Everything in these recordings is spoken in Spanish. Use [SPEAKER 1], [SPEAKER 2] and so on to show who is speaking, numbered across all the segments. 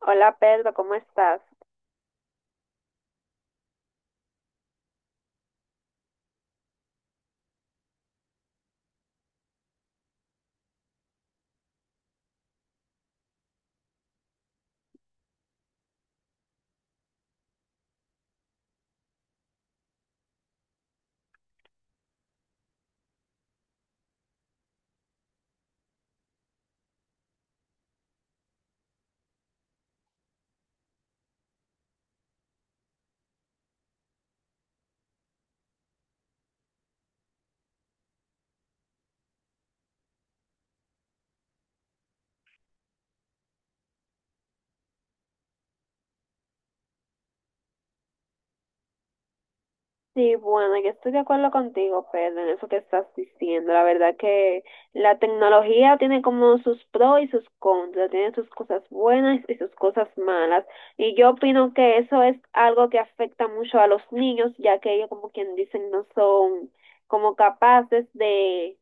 [SPEAKER 1] Hola Pedro, ¿cómo estás? Sí, bueno, yo estoy de acuerdo contigo, Pedro, en eso que estás diciendo. La verdad que la tecnología tiene como sus pros y sus contras, tiene sus cosas buenas y sus cosas malas. Y yo opino que eso es algo que afecta mucho a los niños, ya que ellos, como quien dicen, no son como capaces de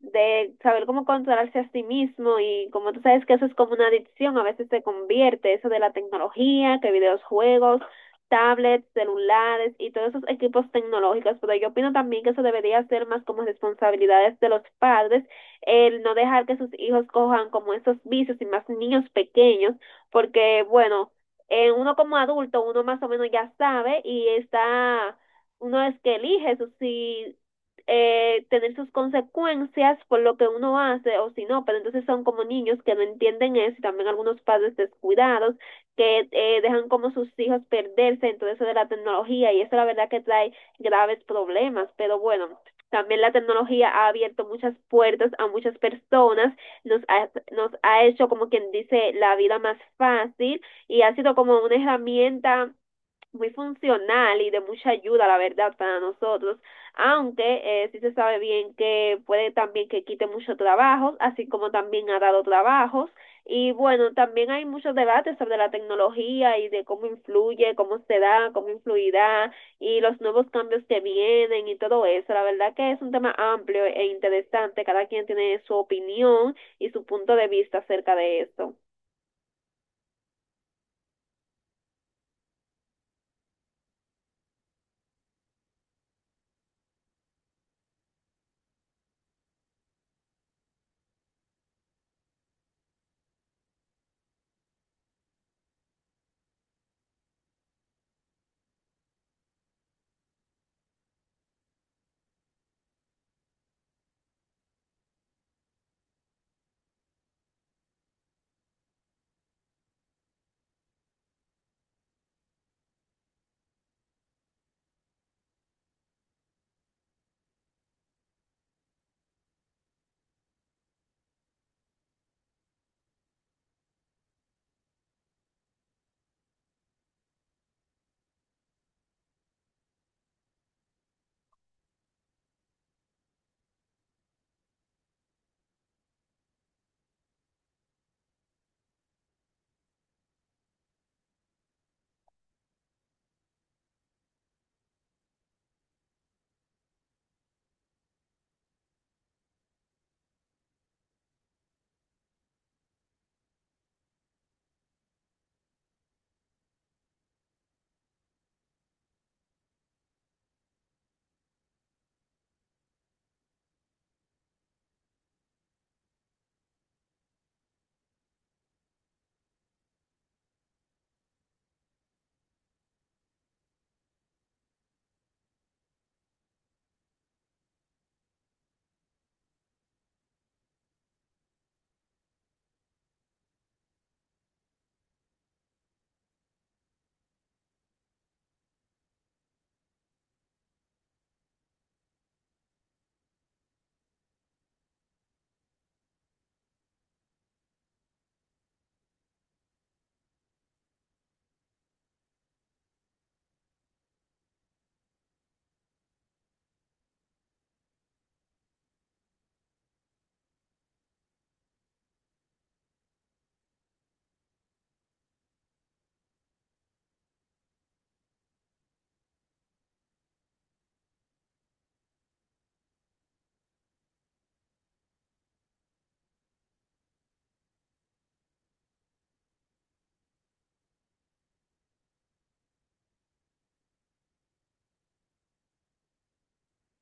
[SPEAKER 1] de saber cómo controlarse a sí mismo y como tú sabes que eso es como una adicción, a veces se convierte eso de la tecnología, que videojuegos, tablets, celulares y todos esos equipos tecnológicos, pero yo opino también que eso debería ser más como responsabilidades de los padres, el no dejar que sus hijos cojan como esos vicios y más niños pequeños, porque bueno, uno como adulto, uno más o menos ya sabe y está uno es que elige eso, si tener sus consecuencias por lo que uno hace o si no, pero entonces son como niños que no entienden eso y también algunos padres descuidados que dejan como sus hijos perderse en todo eso de la tecnología y eso la verdad que trae graves problemas, pero bueno, también la tecnología ha abierto muchas puertas a muchas personas, nos ha hecho como quien dice la vida más fácil y ha sido como una herramienta muy funcional y de mucha ayuda, la verdad, para nosotros, aunque sí se sabe bien que puede también que quite muchos trabajos, así como también ha dado trabajos. Y bueno, también hay muchos debates sobre la tecnología y de cómo influye, cómo se da, cómo influirá y los nuevos cambios que vienen y todo eso. La verdad que es un tema amplio e interesante. Cada quien tiene su opinión y su punto de vista acerca de esto.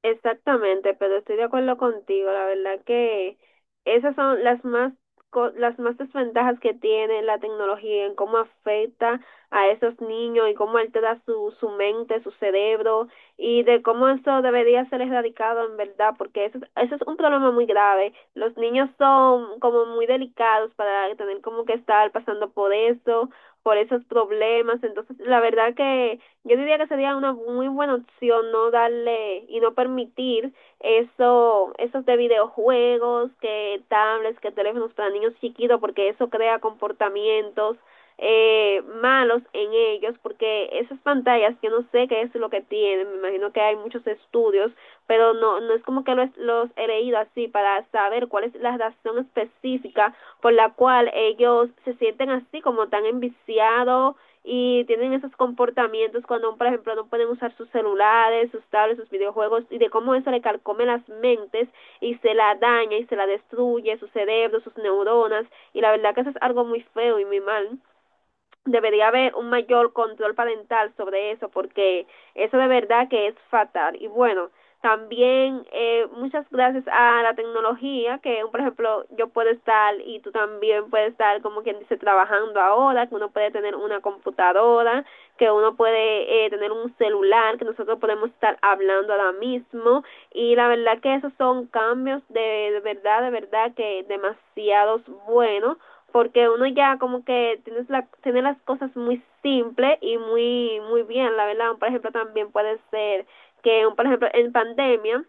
[SPEAKER 1] Exactamente, pero estoy de acuerdo contigo. La verdad que esas son las más las más desventajas que tiene la tecnología en cómo afecta a esos niños y cómo altera su mente, su cerebro y de cómo eso debería ser erradicado en verdad, porque eso, eso es un problema muy grave. Los niños son como muy delicados para tener como que estar pasando por eso, por esos problemas. Entonces, la verdad que yo diría que sería una muy buena opción no darle y no permitir eso, esos de videojuegos, que tablets, que teléfonos para niños chiquitos, porque eso crea comportamientos malos en ellos, porque esas pantallas, yo no sé qué es lo que tienen, me imagino que hay muchos estudios, pero no, no es como que los he leído así para saber cuál es la razón específica por la cual ellos se sienten así, como tan enviciados y tienen esos comportamientos cuando, por ejemplo, no pueden usar sus celulares, sus tablets, sus videojuegos y de cómo eso le calcome las mentes y se la daña y se la destruye, su cerebro, sus neuronas y la verdad que eso es algo muy feo y muy mal debería haber un mayor control parental sobre eso porque eso de verdad que es fatal y bueno también muchas gracias a la tecnología que por ejemplo yo puedo estar y tú también puedes estar como quien dice trabajando ahora que uno puede tener una computadora que uno puede tener un celular, que nosotros podemos estar hablando ahora mismo y la verdad que esos son cambios de verdad, de verdad que demasiados buenos porque uno ya como que tiene las cosas muy simples y muy muy bien, la verdad. Por ejemplo, también puede ser que, por ejemplo, en pandemia,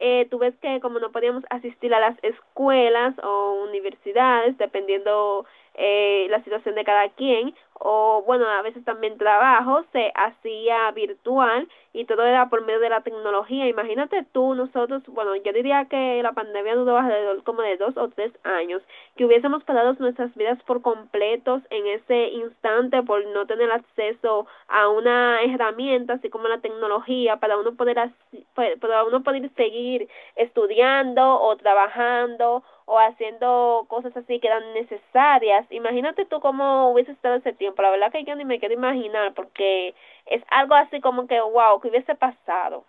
[SPEAKER 1] tú ves que como no podíamos asistir a las escuelas o universidades, dependiendo la situación de cada quien, o bueno, a veces también trabajo, se hacía virtual y todo era por medio de la tecnología. Imagínate tú, nosotros, bueno, yo diría que la pandemia duró alrededor como de 2 o 3 años, que hubiésemos parado nuestras vidas por completos en ese instante por no tener acceso a una herramienta así como la tecnología para uno poder hacer pues, para uno poder seguir estudiando o trabajando o haciendo cosas así que eran necesarias. Imagínate tú cómo hubiese estado ese tiempo. La verdad que yo ni me quiero imaginar porque es algo así como que, wow, que hubiese pasado.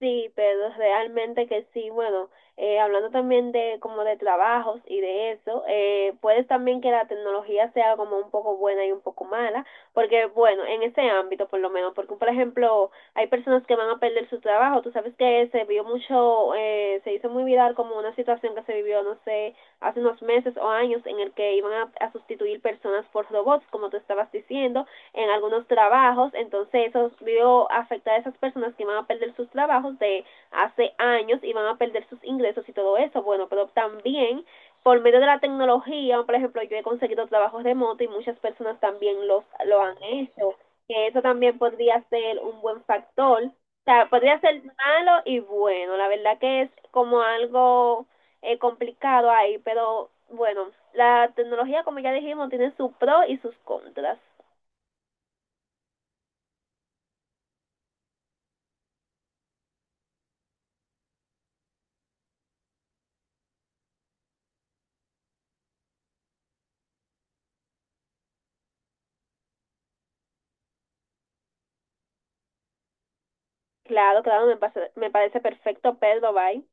[SPEAKER 1] Sí, pero realmente que sí, bueno, hablando también de como de trabajos y de eso, puede también que la tecnología sea como un poco buena y un poco mala, porque bueno, en ese ámbito por lo menos, porque por ejemplo, hay personas que van a perder su trabajo, tú sabes que se vio mucho, se hizo muy viral como una situación que se vivió, no sé, hace unos meses o años en el que iban a sustituir personas por robots, como tú estabas diciendo, en algunos trabajos, entonces eso vio afectar a esas personas que van a perder sus trabajos de hace años y van a perder sus ingresos y todo eso, bueno, pero también por medio de la tecnología, por ejemplo, yo he conseguido trabajos remoto y muchas personas también los lo han hecho, que eso también podría ser un buen factor, o sea, podría ser malo y bueno, la verdad que es como algo complicado ahí, pero bueno, la tecnología, como ya dijimos, tiene sus pros y sus contras. Claro, claro, me parece perfecto, Pedro, bye.